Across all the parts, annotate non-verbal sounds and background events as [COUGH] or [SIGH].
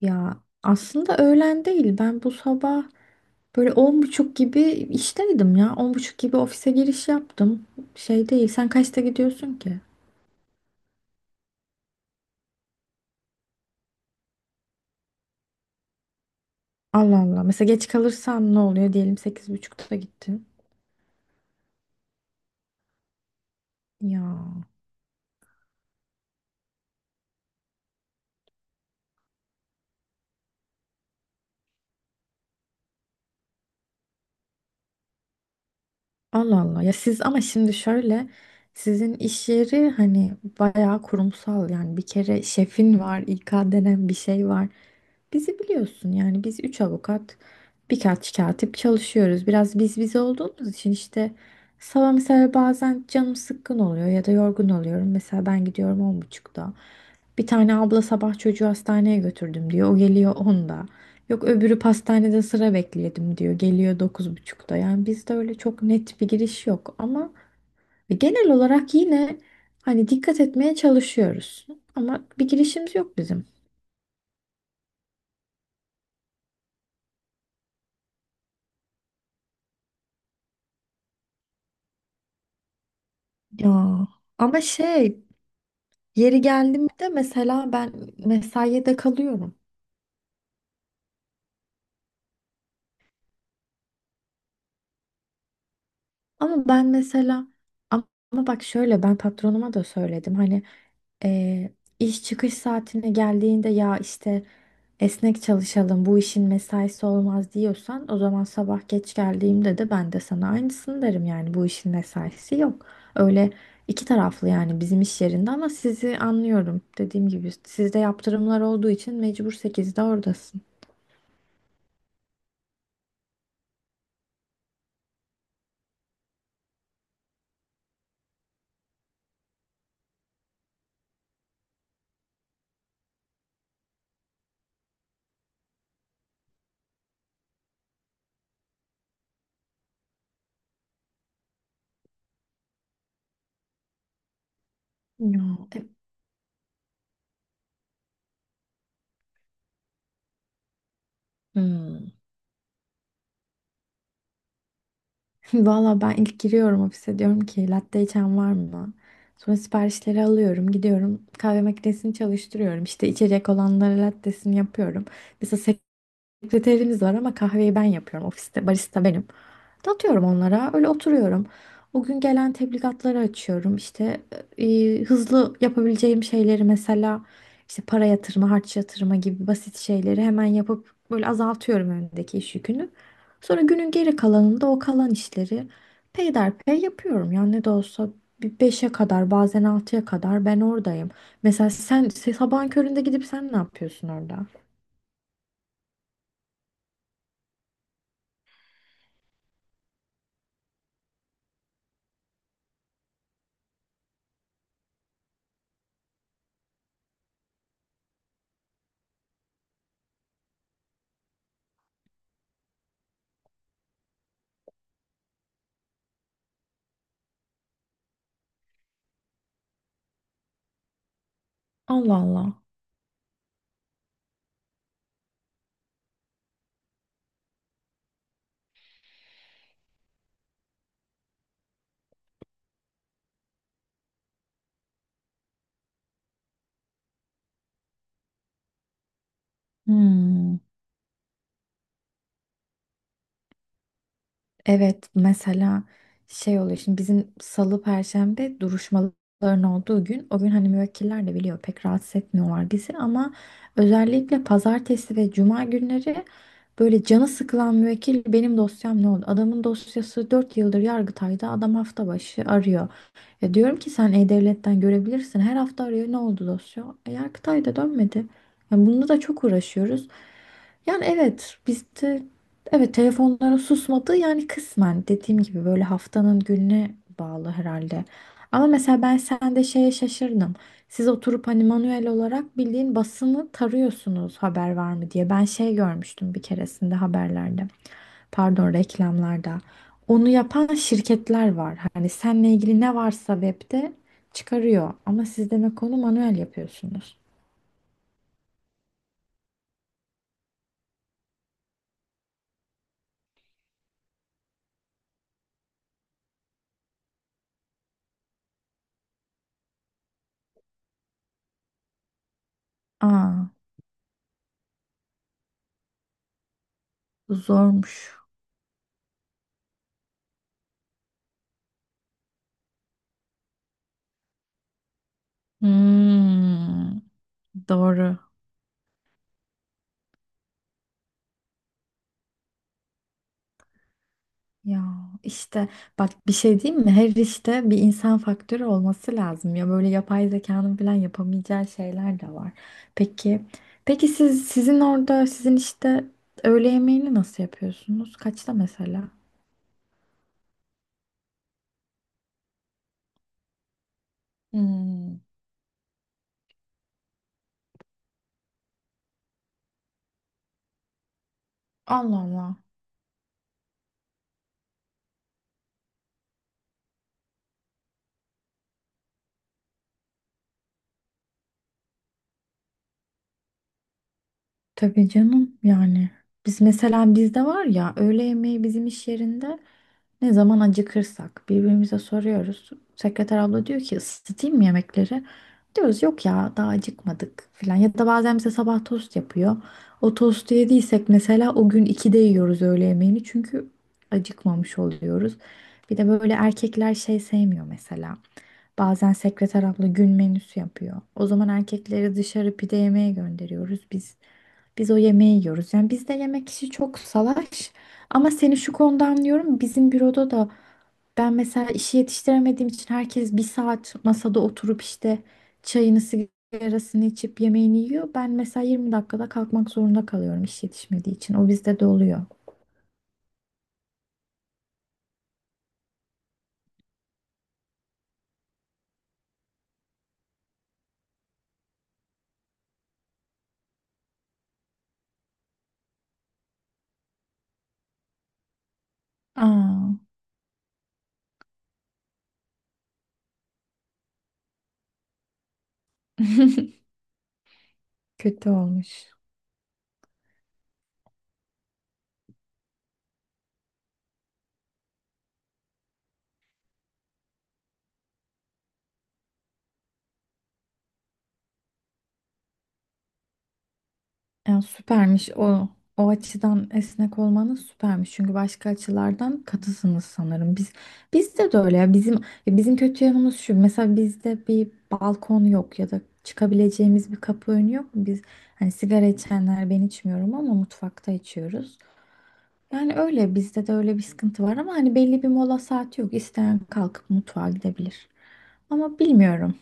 Ya aslında öğlen değil. Ben bu sabah böyle 10.30 gibi işteydim ya. 10.30 gibi ofise giriş yaptım. Şey değil. Sen kaçta gidiyorsun ki? Allah Allah. Mesela geç kalırsan ne oluyor? Diyelim 8.30'da gittin. Ya, Allah Allah. Ya siz, ama şimdi şöyle. Sizin iş yeri hani bayağı kurumsal, yani bir kere şefin var, İK denen bir şey var. Bizi biliyorsun, yani biz üç avukat birkaç katip çalışıyoruz. Biraz biz biz olduğumuz için işte sabah mesela bazen canım sıkkın oluyor ya da yorgun oluyorum. Mesela ben gidiyorum 10.30'da. Bir tane abla sabah çocuğu hastaneye götürdüm diyor. O geliyor 10'da. Yok, öbürü pastanede sıra bekledim diyor. Geliyor 9.30'da. Yani bizde öyle çok net bir giriş yok ama genel olarak yine hani dikkat etmeye çalışıyoruz. Ama bir girişimiz yok bizim. Ya ama şey, yeri geldi mi de mesela ben mesaiye de kalıyorum. Ama ben mesela, ama bak şöyle, ben patronuma da söyledim. Hani eee, iş çıkış saatine geldiğinde ya işte esnek çalışalım, bu işin mesaisi olmaz diyorsan, o zaman sabah geç geldiğimde de ben de sana aynısını derim, yani bu işin mesaisi yok. Öyle, iki taraflı yani bizim iş yerinde, ama sizi anlıyorum. Dediğim gibi, sizde yaptırımlar olduğu için mecbur sekizde oradasın. Ya, e- Hmm. [LAUGHS] Valla, ben ilk giriyorum ofise, diyorum ki latte içen var mı? Sonra siparişleri alıyorum, gidiyorum kahve makinesini çalıştırıyorum. İşte içecek olanlara lattesini yapıyorum. Mesela, sekreterimiz var ama kahveyi ben yapıyorum ofiste. Barista benim. Dağıtıyorum onlara. Öyle oturuyorum. O gün gelen tebligatları açıyorum. İşte hızlı yapabileceğim şeyleri, mesela işte para yatırma, harç yatırma gibi basit şeyleri hemen yapıp böyle azaltıyorum önündeki iş yükünü. Sonra günün geri kalanında o kalan işleri peyderpey yapıyorum. Yani ne de olsa bir beşe kadar, bazen 6'ya kadar ben oradayım. Mesela sen sabahın köründe gidip sen ne yapıyorsun orada? Allah Allah. Hmm, evet, mesela şey oluyor, şimdi bizim salı perşembe duruşmaların olduğu gün o gün hani müvekkiller de biliyor, pek rahatsız etmiyorlar bizi ama özellikle pazartesi ve cuma günleri böyle canı sıkılan müvekkil, benim dosyam ne oldu? Adamın dosyası 4 yıldır Yargıtay'da, adam hafta başı arıyor. Ya diyorum ki, sen E-Devlet'ten görebilirsin. Her hafta arıyor, ne oldu dosya? E, Yargıtay'da dönmedi. Yani bunda da çok uğraşıyoruz. Yani evet, bizde evet telefonlara susmadı, yani kısmen dediğim gibi böyle haftanın gününe bağlı herhalde. Ama mesela ben sende şeye şaşırdım. Siz oturup hani manuel olarak bildiğin basını tarıyorsunuz haber var mı diye. Ben şey görmüştüm bir keresinde haberlerde. Pardon, reklamlarda. Onu yapan şirketler var. Hani seninle ilgili ne varsa webde çıkarıyor. Ama siz demek onu manuel yapıyorsunuz. Aa, bu zormuş. Hmm, doğru. Ya işte, bak bir şey diyeyim mi? Her işte bir insan faktörü olması lazım. Ya böyle yapay zekanın falan yapamayacağı şeyler de var. Peki, peki siz, sizin orada, sizin işte öğle yemeğini nasıl yapıyorsunuz? Kaçta mesela? Hmm, Allah Allah. Tabii canım, yani biz mesela, bizde var ya öğle yemeği, bizim iş yerinde ne zaman acıkırsak birbirimize soruyoruz. Sekreter abla diyor ki ısıtayım mı yemekleri? Diyoruz yok ya, daha acıkmadık filan, ya da bazen bize sabah tost yapıyor. O tostu yediysek mesela o gün 2'de yiyoruz öğle yemeğini, çünkü acıkmamış oluyoruz. Bir de böyle erkekler şey sevmiyor mesela. Bazen sekreter abla gün menüsü yapıyor. O zaman erkekleri dışarı pide yemeye gönderiyoruz biz. Biz o yemeği yiyoruz. Yani bizde yemek işi çok salaş. Ama seni şu konuda anlıyorum. Bizim büroda da ben mesela işi yetiştiremediğim için herkes 1 saat masada oturup işte çayını sigarasını içip yemeğini yiyor. Ben mesela 20 dakikada kalkmak zorunda kalıyorum iş yetişmediği için. O bizde de oluyor. Aa, [LAUGHS] kötü olmuş. Ya süpermiş o. O açıdan esnek olmanız süpermiş. Çünkü başka açılardan katısınız sanırım. Biz, bizde de öyle ya. Bizim kötü yanımız şu. Mesela bizde bir balkon yok ya da çıkabileceğimiz bir kapı önü yok. Biz hani, sigara içenler, ben içmiyorum, ama mutfakta içiyoruz. Yani öyle, bizde de öyle bir sıkıntı var ama hani belli bir mola saati yok. İsteyen kalkıp mutfağa gidebilir. Ama bilmiyorum.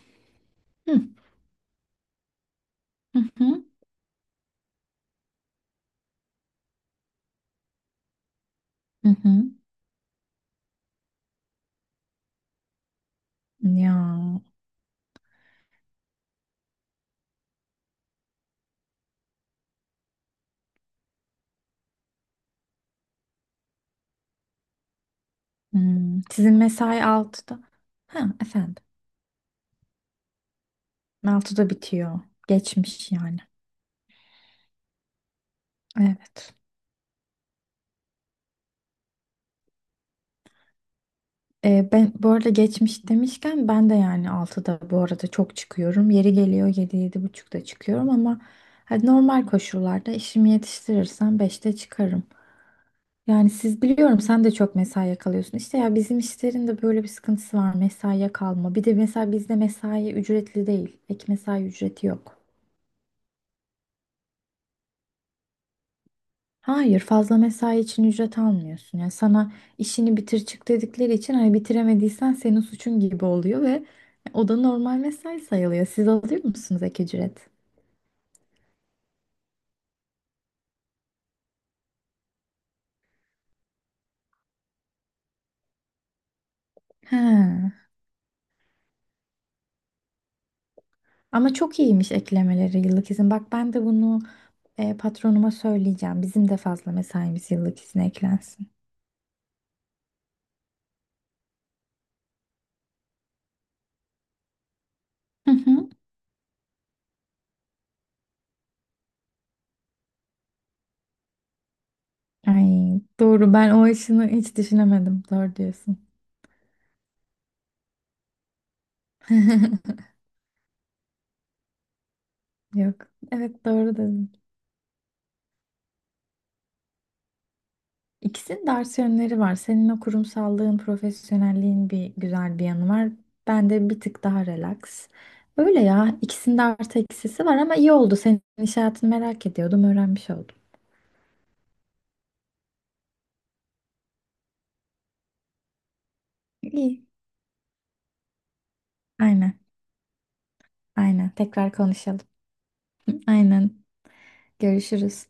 Hı hı hı. Hı hı. Ya. Sizin mesai 6'da? Ha, efendim. 6'da bitiyor. Geçmiş yani. Evet. Ben bu arada, geçmiş demişken, ben de yani 6'da bu arada çok çıkıyorum. Yeri geliyor 7-7.30'da çıkıyorum, ama hani normal koşullarda işimi yetiştirirsem 5'te çıkarım. Yani siz, biliyorum sen de çok mesaiye kalıyorsun. İşte, ya bizim işlerin de böyle bir sıkıntısı var, mesaiye kalma. Bir de mesela bizde mesai ücretli değil. Ek mesai ücreti yok. Hayır, fazla mesai için ücret almıyorsun. Yani sana işini bitir çık dedikleri için hani bitiremediysen senin suçun gibi oluyor ve o da normal mesai sayılıyor. Siz alıyor musunuz ek ücret? He. Ama çok iyiymiş eklemeleri yıllık izin. Bak, ben de bunu patronuma söyleyeceğim. Bizim de fazla mesaimiz yıllık izne eklensin. Hı hı. Ay, doğru, ben o işini hiç düşünemedim. Doğru diyorsun. [LAUGHS] Yok. Evet, doğru dedin. İkisinin de artı yönleri var. Senin o kurumsallığın, profesyonelliğin, bir güzel bir yanı var. Ben de bir tık daha relax. Öyle ya. İkisinin de artı eksisi var ama iyi oldu. Senin iş hayatını merak ediyordum, öğrenmiş oldum. İyi. Aynen, aynen. Tekrar konuşalım. Aynen. Görüşürüz.